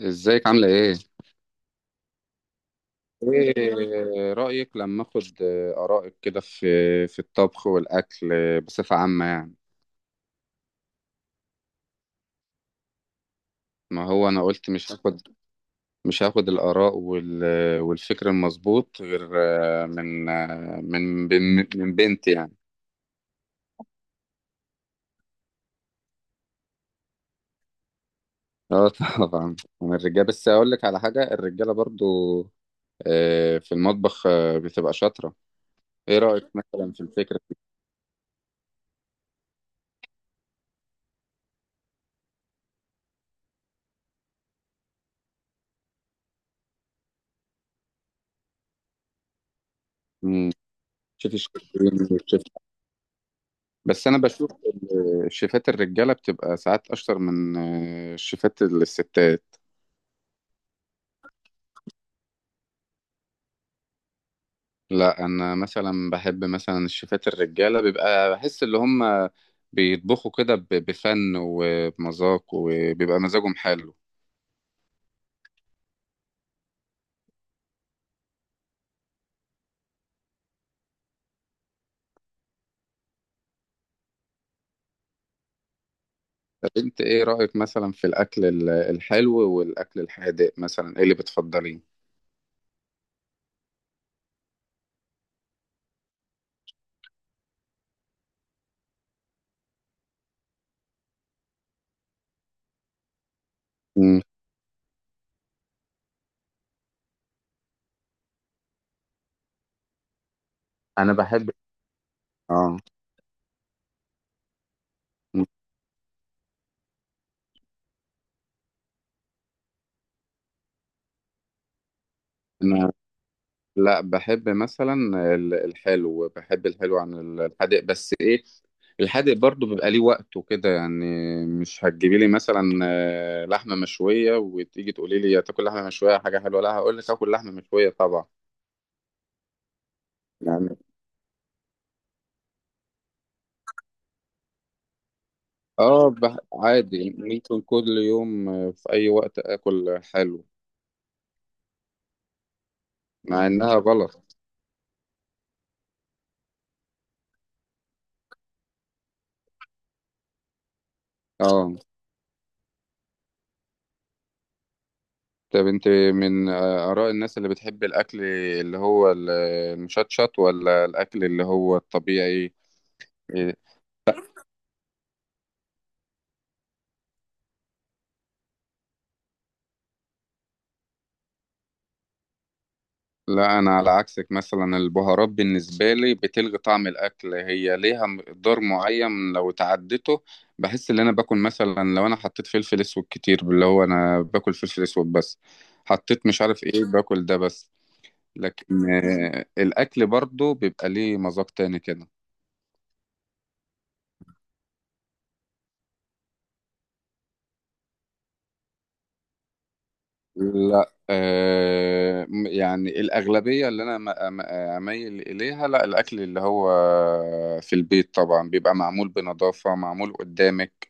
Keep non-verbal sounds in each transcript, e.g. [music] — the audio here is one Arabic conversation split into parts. ازيك عاملة ايه؟ ايه رأيك لما اخد آرائك كده في الطبخ والأكل بصفة عامة يعني. ما هو انا قلت مش هاخد الآراء والفكر المظبوط، غير من من من بنت يعني. اه، [laughs] طبعا من الرجاله، بس اقول لك على حاجة، الرجالة برضو في المطبخ بتبقى شاطرة. ايه رأيك مثلا في الفكرة دي؟ مم. شوفي الشيف بس انا بشوف الشيفات الرجاله بتبقى ساعات اشطر من الشيفات الستات. لا انا مثلا بحب مثلا الشيفات الرجاله، بيبقى بحس اللي هم بيطبخوا كده بفن وبمذاق، وبيبقى مزاجهم حلو. طب انت ايه رايك مثلا في الاكل الحلو والاكل الحادق، مثلا ايه اللي بتفضليه؟ مم. انا بحب اه لا، بحب مثلا الحلو، بحب الحلو عن الحادق، بس ايه، الحادق برضو بيبقى ليه وقته كده يعني. مش هتجيبي لي مثلا لحمة مشوية وتيجي تقولي لي تاكل لحمة مشوية حاجة حلوة، لا هقول لك اكل لحمة مشوية طبعا. يعني اه عادي ممكن كل يوم، في اي وقت اكل حلو، مع انها غلط. اه. طب انت من آراء الناس اللي بتحب الأكل، اللي هو المشطشط ولا الأكل اللي هو الطبيعي؟ لا انا على عكسك، مثلا البهارات بالنسبه لي بتلغي طعم الاكل، هي ليها مقدار معين لو تعدته بحس ان انا باكل مثلا، لو انا حطيت فلفل اسود كتير، اللي هو انا باكل فلفل اسود بس، حطيت مش عارف ايه باكل ده بس. لكن الاكل برضو بيبقى ليه مذاق تاني كده. لا، يعني الأغلبية اللي أنا أميل إليها، لا الأكل اللي هو في البيت طبعا بيبقى معمول بنظافة، معمول قدامك.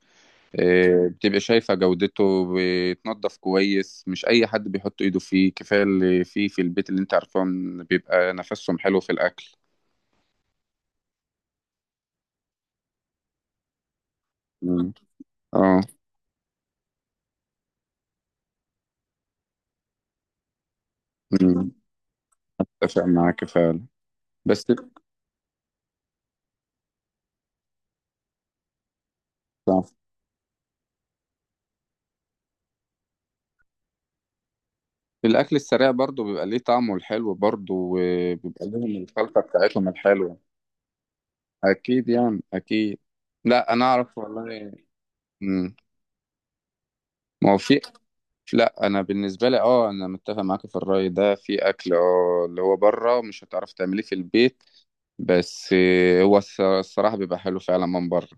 بتبقى شايفة جودته، بيتنضف كويس، مش أي حد بيحط إيده فيه، كفاية اللي فيه في البيت اللي أنت عارفان بيبقى نفسهم حلو في الأكل. مم. اه. مم. أتفق معاك فعلا. بس صح. الأكل السريع برضو بيبقى ليه طعمه الحلو برضو، وبيبقى لهم الخلطة بتاعتهم الحلوة. أكيد يعني أكيد. لا أنا أعرف والله. مم. ما هو في لا انا بالنسبه لي انا متفق معاك في الراي ده، في اكل اللي هو بره مش هتعرف تعمليه في البيت، بس هو الصراحة بيبقى حلو فعلا من بره.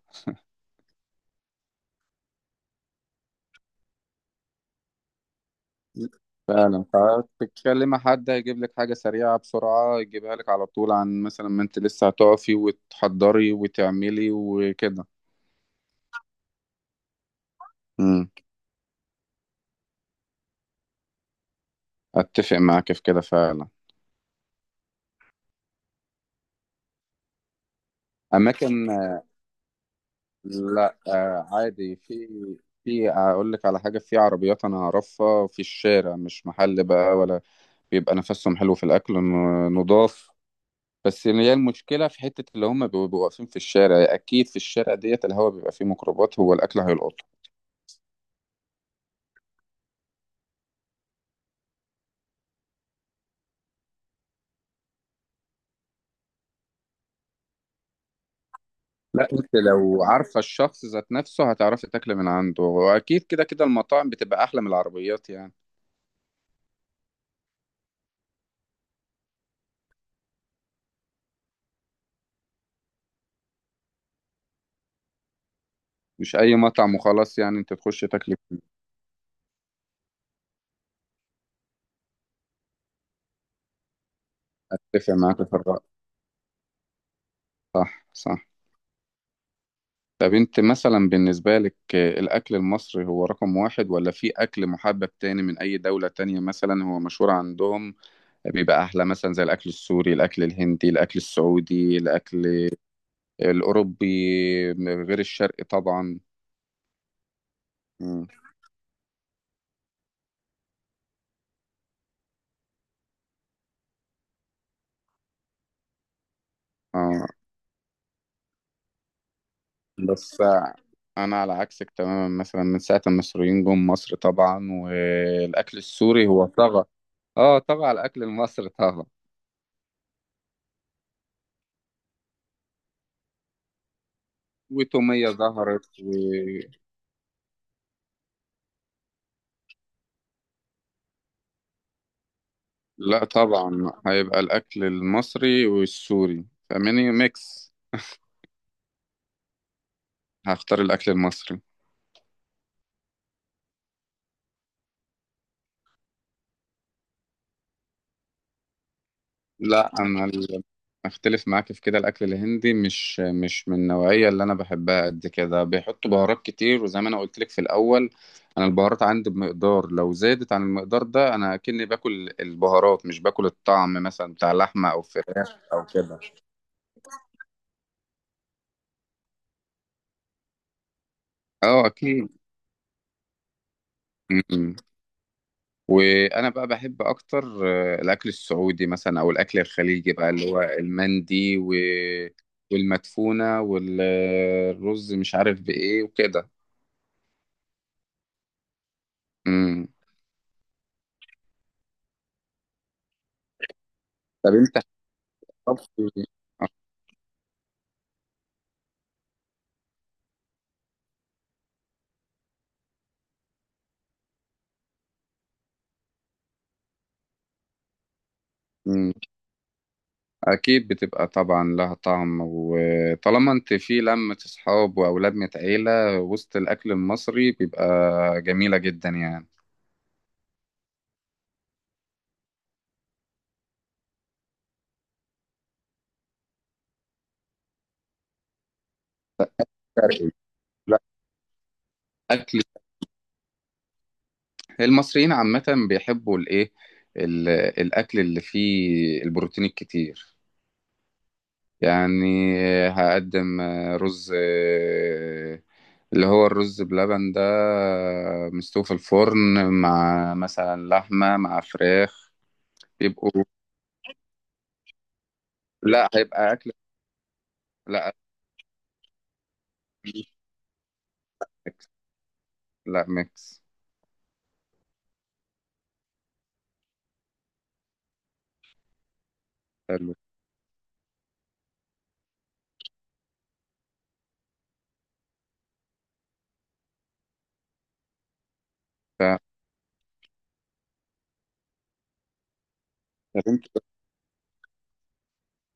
فعلا، فبتتكلم مع حد هيجيب لك حاجة سريعة بسرعة، يجيبها لك على طول، عن مثلا ما انت لسه هتقفي وتحضري وتعملي وكده. امم. اتفق معاك في كده فعلا. اماكن لا عادي، في اقول لك على حاجة، في عربيات انا اعرفها في الشارع، مش محل بقى ولا، بيبقى نفسهم حلو في الاكل نضاف. بس يعني هي المشكله في حته اللي هم بيبقوا واقفين في الشارع، يعني اكيد في الشارع ديت الهواء بيبقى فيه ميكروبات، هو الاكل هيلقطه. لا انت لو عارفه الشخص ذات نفسه هتعرفي تاكلي من عنده، واكيد كده كده المطاعم بتبقى احلى من العربيات يعني. مش اي مطعم وخلاص، يعني انت تخش تاكلي فيه. اتفق معاك في الرأي. صح، صح. طب انت مثلا بالنسبه لك الاكل المصري هو رقم واحد، ولا في اكل محبب تاني من اي دوله تانية مثلا هو مشهور عندهم بيبقى احلى، مثلا زي الاكل السوري، الاكل الهندي، الاكل السعودي، الاكل الأوروبي، غير الشرقي طبعا. مم. آه. بس أنا على عكسك تماما، مثلا من ساعة ما المصريين جم مصر طبعا، والأكل السوري هو طغى. اه، طغى على الأكل المصري، طغى. وتومية ظهرت لا طبعا هيبقى الأكل المصري والسوري، فمني ميكس. هختار الأكل المصري. لا انا اختلف معاك في كده، الاكل الهندي مش من النوعيه اللي انا بحبها قد كده، بيحطوا بهارات كتير، وزي ما انا قلت لك في الاول، انا البهارات عندي بمقدار لو زادت عن المقدار ده انا اكني باكل البهارات مش باكل الطعم مثلا بتاع لحمه او فراخ او كده. اه، اكيد. م-م. وانا بقى بحب اكتر الاكل السعودي مثلا، او الاكل الخليجي بقى، اللي هو المندي والمدفونه والرز مش عارف بايه وكده. م. طب انت طبخ- مم. اكيد بتبقى طبعا لها طعم، وطالما انت في لمة اصحاب واولاد من عيلة، وسط الاكل المصري بيبقى جميلة جدا يعني. شرقي. لا، اكل المصريين عامة بيحبوا الايه، الاكل اللي فيه البروتين الكتير يعني، هقدم رز، اللي هو الرز بلبن ده، مستوي في الفرن، مع مثلا لحمة مع فراخ. يبقوا لا هيبقى اكل. لا مش ميكس، لا ميكس. حلو. ف- طب انت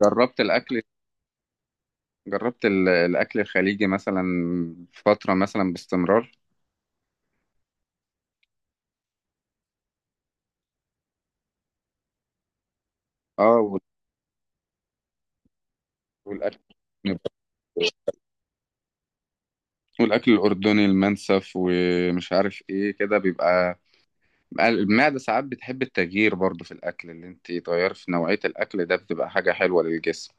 جربت الاكل جربت ال- الاكل الخليجي مثلا فتره مثلا باستمرار؟ اه، والاكل والاكل الاردني، المنسف ومش عارف ايه كده، بيبقى المعده ساعات بتحب التغيير برضو في الاكل، اللي انت تغير في نوعيه الاكل ده بتبقى حاجه حلوه للجسم.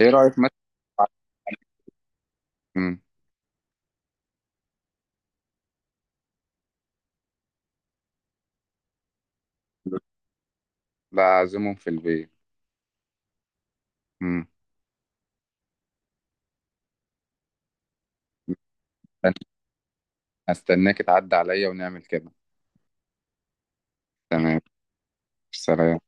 ايه رايك مثلا. مم. لا اعزمهم في البيت. مم. استناك تعدي عليا ونعمل كده. تمام. سلام.